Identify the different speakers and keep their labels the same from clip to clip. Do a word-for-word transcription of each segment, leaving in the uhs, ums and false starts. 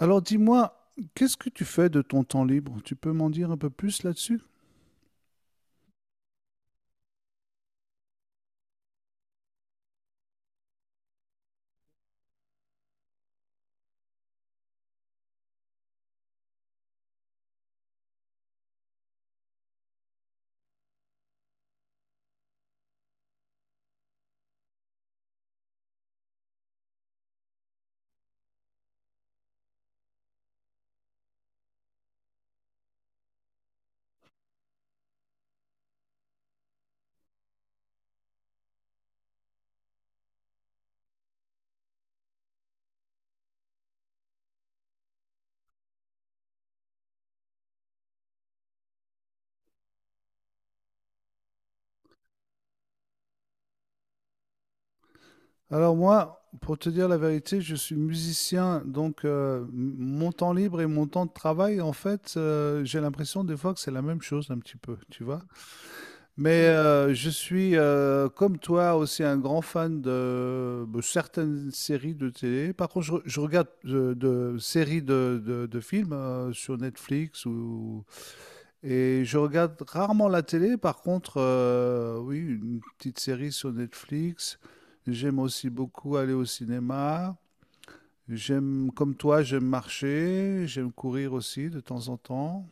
Speaker 1: Alors dis-moi, qu'est-ce que tu fais de ton temps libre? Tu peux m'en dire un peu plus là-dessus? Alors moi, pour te dire la vérité, je suis musicien, donc euh, m- mon temps libre et mon temps de travail, en fait, euh, j'ai l'impression des fois que c'est la même chose un petit peu, tu vois. Mais Mm. euh, je suis, euh, comme toi, aussi un grand fan de, de certaines séries de télé. Par contre, je, re- je regarde de, de séries de, de- de films euh, sur Netflix ou. Et je regarde rarement la télé, par contre, euh, oui, une petite série sur Netflix. J'aime aussi beaucoup aller au cinéma. J'aime, comme toi, j'aime marcher, j'aime courir aussi de temps en temps.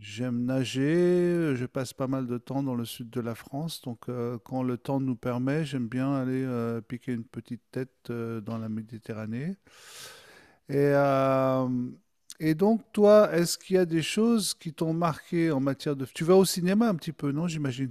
Speaker 1: J'aime nager, je passe pas mal de temps dans le sud de la France, donc euh, quand le temps nous permet, j'aime bien aller euh, piquer une petite tête euh, dans la Méditerranée. Et, euh, et donc, toi, est-ce qu'il y a des choses qui t'ont marqué en matière de… Tu vas au cinéma un petit peu, non, j'imagine?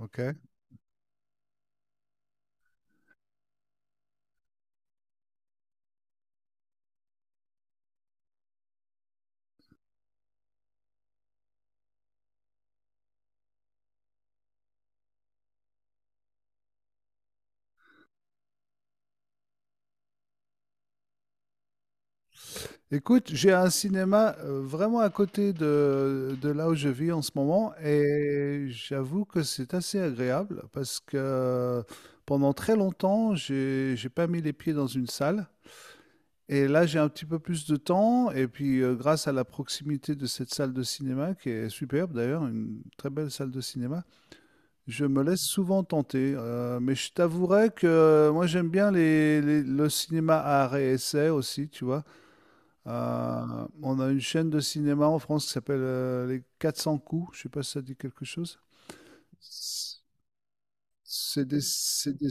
Speaker 1: Ok. Écoute, j'ai un cinéma euh, vraiment à côté de, de là où je vis en ce moment et j'avoue que c'est assez agréable parce que euh, pendant très longtemps, j'ai, j'ai pas mis les pieds dans une salle, et là, j'ai un petit peu plus de temps et puis euh, grâce à la proximité de cette salle de cinéma qui est superbe d'ailleurs, une très belle salle de cinéma, je me laisse souvent tenter, euh, mais je t'avouerais que euh, moi j'aime bien les, les- le cinéma à art et essai aussi, tu vois. Euh, on a une chaîne de cinéma en France qui s'appelle euh, Les quatre cents coups, je sais pas si ça dit quelque chose. C'est des- c'est des-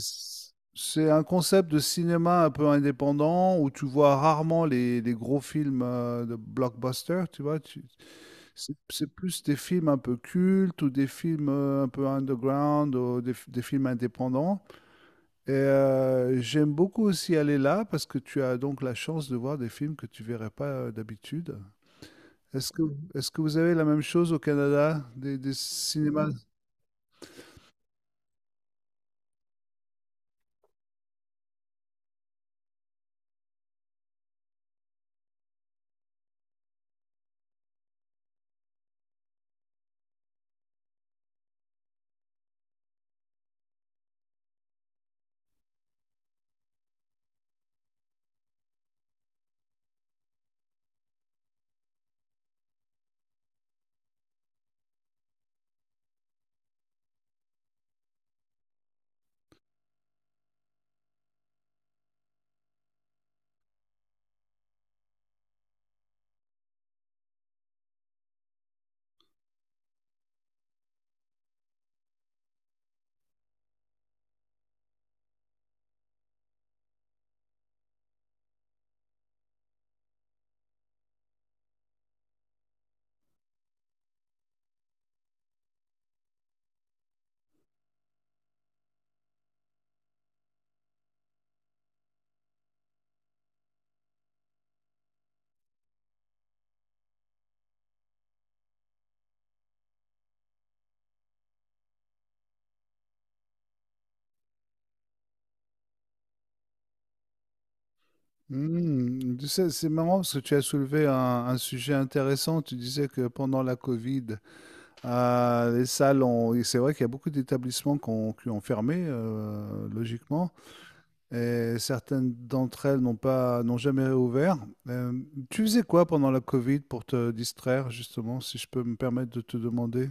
Speaker 1: c'est un concept de cinéma un peu indépendant où tu vois rarement les, les gros films euh, de blockbuster, tu vois. tu- c'est c'est plus des films un peu cultes ou des films euh, un peu underground ou des, f- des films indépendants. Et euh, j'aime beaucoup aussi aller là parce que tu as donc la chance de voir des films que tu verrais pas euh, d'habitude. Est-ce que, est-ce que vous avez la même chose au Canada, des, des cinémas? Hmm, tu sais, c'est marrant parce que tu as soulevé un, un sujet intéressant. Tu disais que pendant la Covid, euh, les salles ont… et c'est vrai qu'il y a beaucoup d'établissements qui ont, qui ont fermé, euh, logiquement. Et certaines d'entre elles n'ont pas, n'ont jamais réouvert. Euh, tu faisais quoi pendant la Covid pour te distraire, justement, si je peux me permettre de te demander?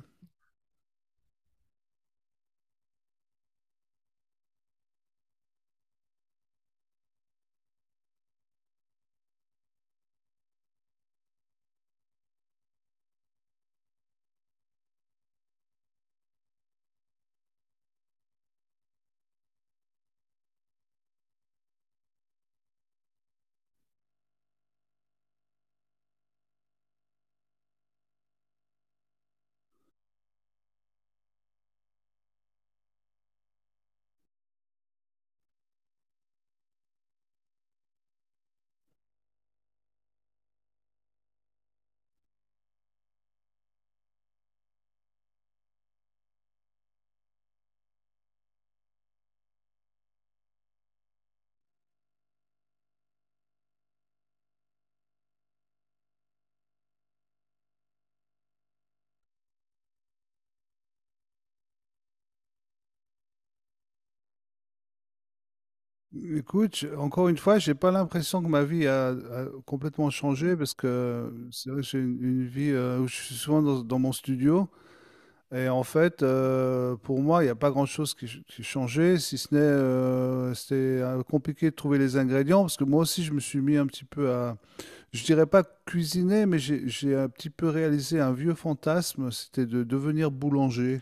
Speaker 1: Écoute, je- encore une fois, j'ai pas l'impression que ma vie a, a complètement changé parce que c'est vrai que j'ai une, une vie euh, où je suis souvent dans, dans mon studio et en fait, euh, pour moi, il n'y a pas grand-chose qui, ch- qui changeait, si ce n'est euh, c'était euh, compliqué de trouver les ingrédients parce que moi aussi, je me suis mis un petit peu à, je dirais pas cuisiner, mais j'ai j'ai un petit peu réalisé un vieux fantasme, c'était de devenir boulanger.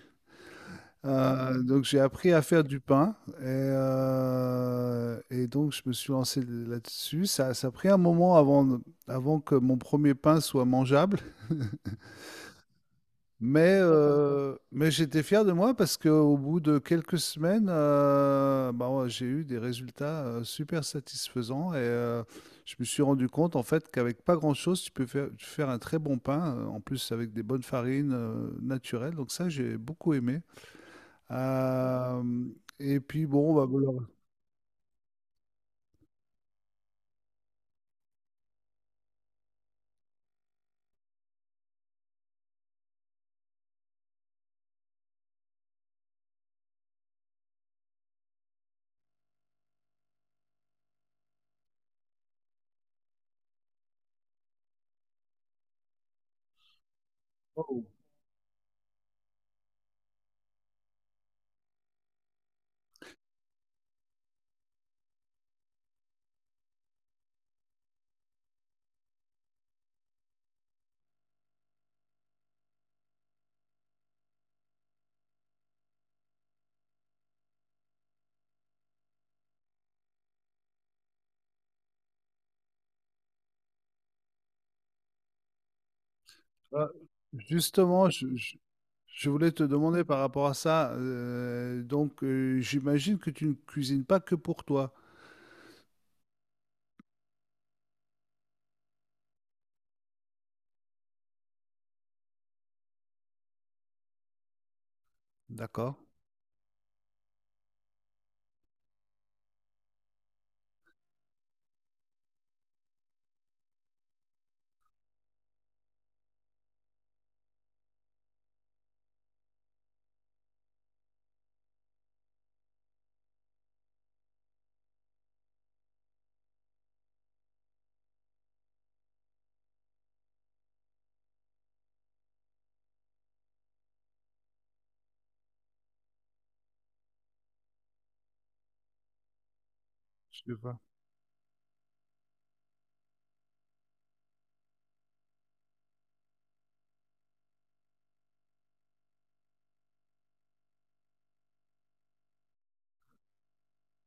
Speaker 1: Euh, donc j'ai appris à faire du pain et, euh, et donc je me suis lancé là-dessus. Ça, ça a pris un moment avant, avant que mon premier pain soit mangeable. Mais, ok. Euh, mais j'étais fier de moi parce qu'au bout de quelques semaines, euh, bah, ouais, j'ai eu des résultats euh, super satisfaisants et euh, je me suis rendu compte en fait qu'avec pas grand-chose, tu peux faire, faire un très bon pain, euh, en plus avec des bonnes farines euh, naturelles. Donc ça, j'ai beaucoup aimé. Euh, et puis bon, bah, voilà. Oh. Ah, justement, je, je- je voulais te demander par rapport à ça. Euh, donc euh, j'imagine que tu ne cuisines pas que pour toi. D'accord. Je vois.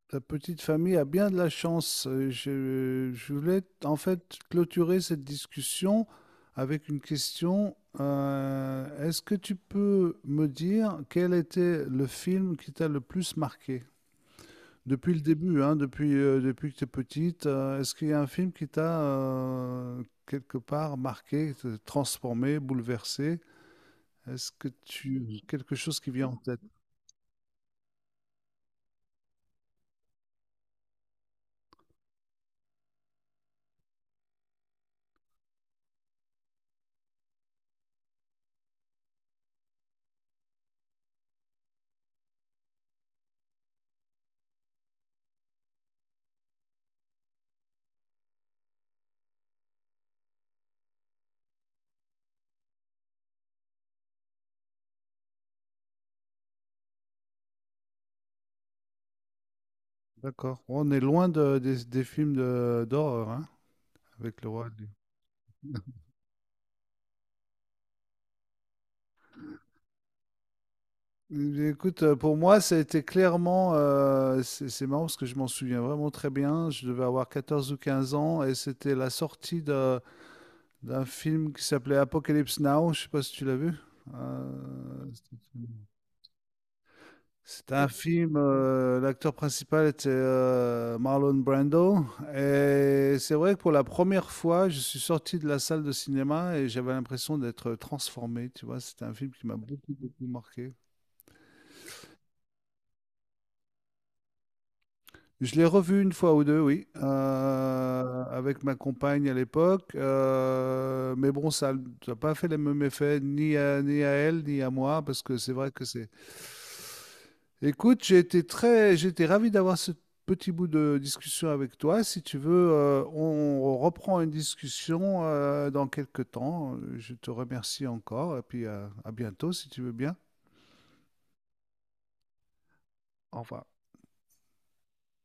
Speaker 1: Ta petite famille a bien de la chance. Euh, Je, euh, je voulais en fait clôturer cette discussion avec une question. Euh, est-ce que tu peux me dire quel était le film qui t'a le plus marqué? Depuis le début, hein, depuis, euh, depuis que tu es petite, euh, est-ce qu'il y a un film qui t'a euh, quelque part marqué, transformé, bouleversé? Est-ce que tu… quelque chose qui vient en tête? D'accord. On est loin de- des, des films de- d'horreur, hein, avec le roi. Lion. Écoute, euh, pour moi, ça a été clairement. Euh, c'est c'est marrant parce que je m'en souviens vraiment très bien. Je devais avoir quatorze ou quinze ans et c'était la sortie de- d'un film qui s'appelait Apocalypse Now. Je sais pas si tu l'as vu. Euh, C'est un film, euh, l'acteur principal était euh, Marlon Brando. Et c'est vrai que pour la première fois, je suis sorti de la salle de cinéma et j'avais l'impression d'être transformé. Tu vois, c'était un film qui m'a beaucoup, beaucoup marqué. Je l'ai revu une fois ou deux, oui, euh, avec ma compagne à l'époque. Euh, mais bon, ça n'a pas fait les mêmes effets, ni à, ni à elle, ni à moi, parce que c'est vrai que c'est… Écoute, j'ai été très, j'étais ravi d'avoir ce petit bout de discussion avec toi. Si tu veux, euh, on reprend une discussion euh, dans quelques temps. Je te remercie encore et puis euh, à bientôt si tu veux bien. Au revoir.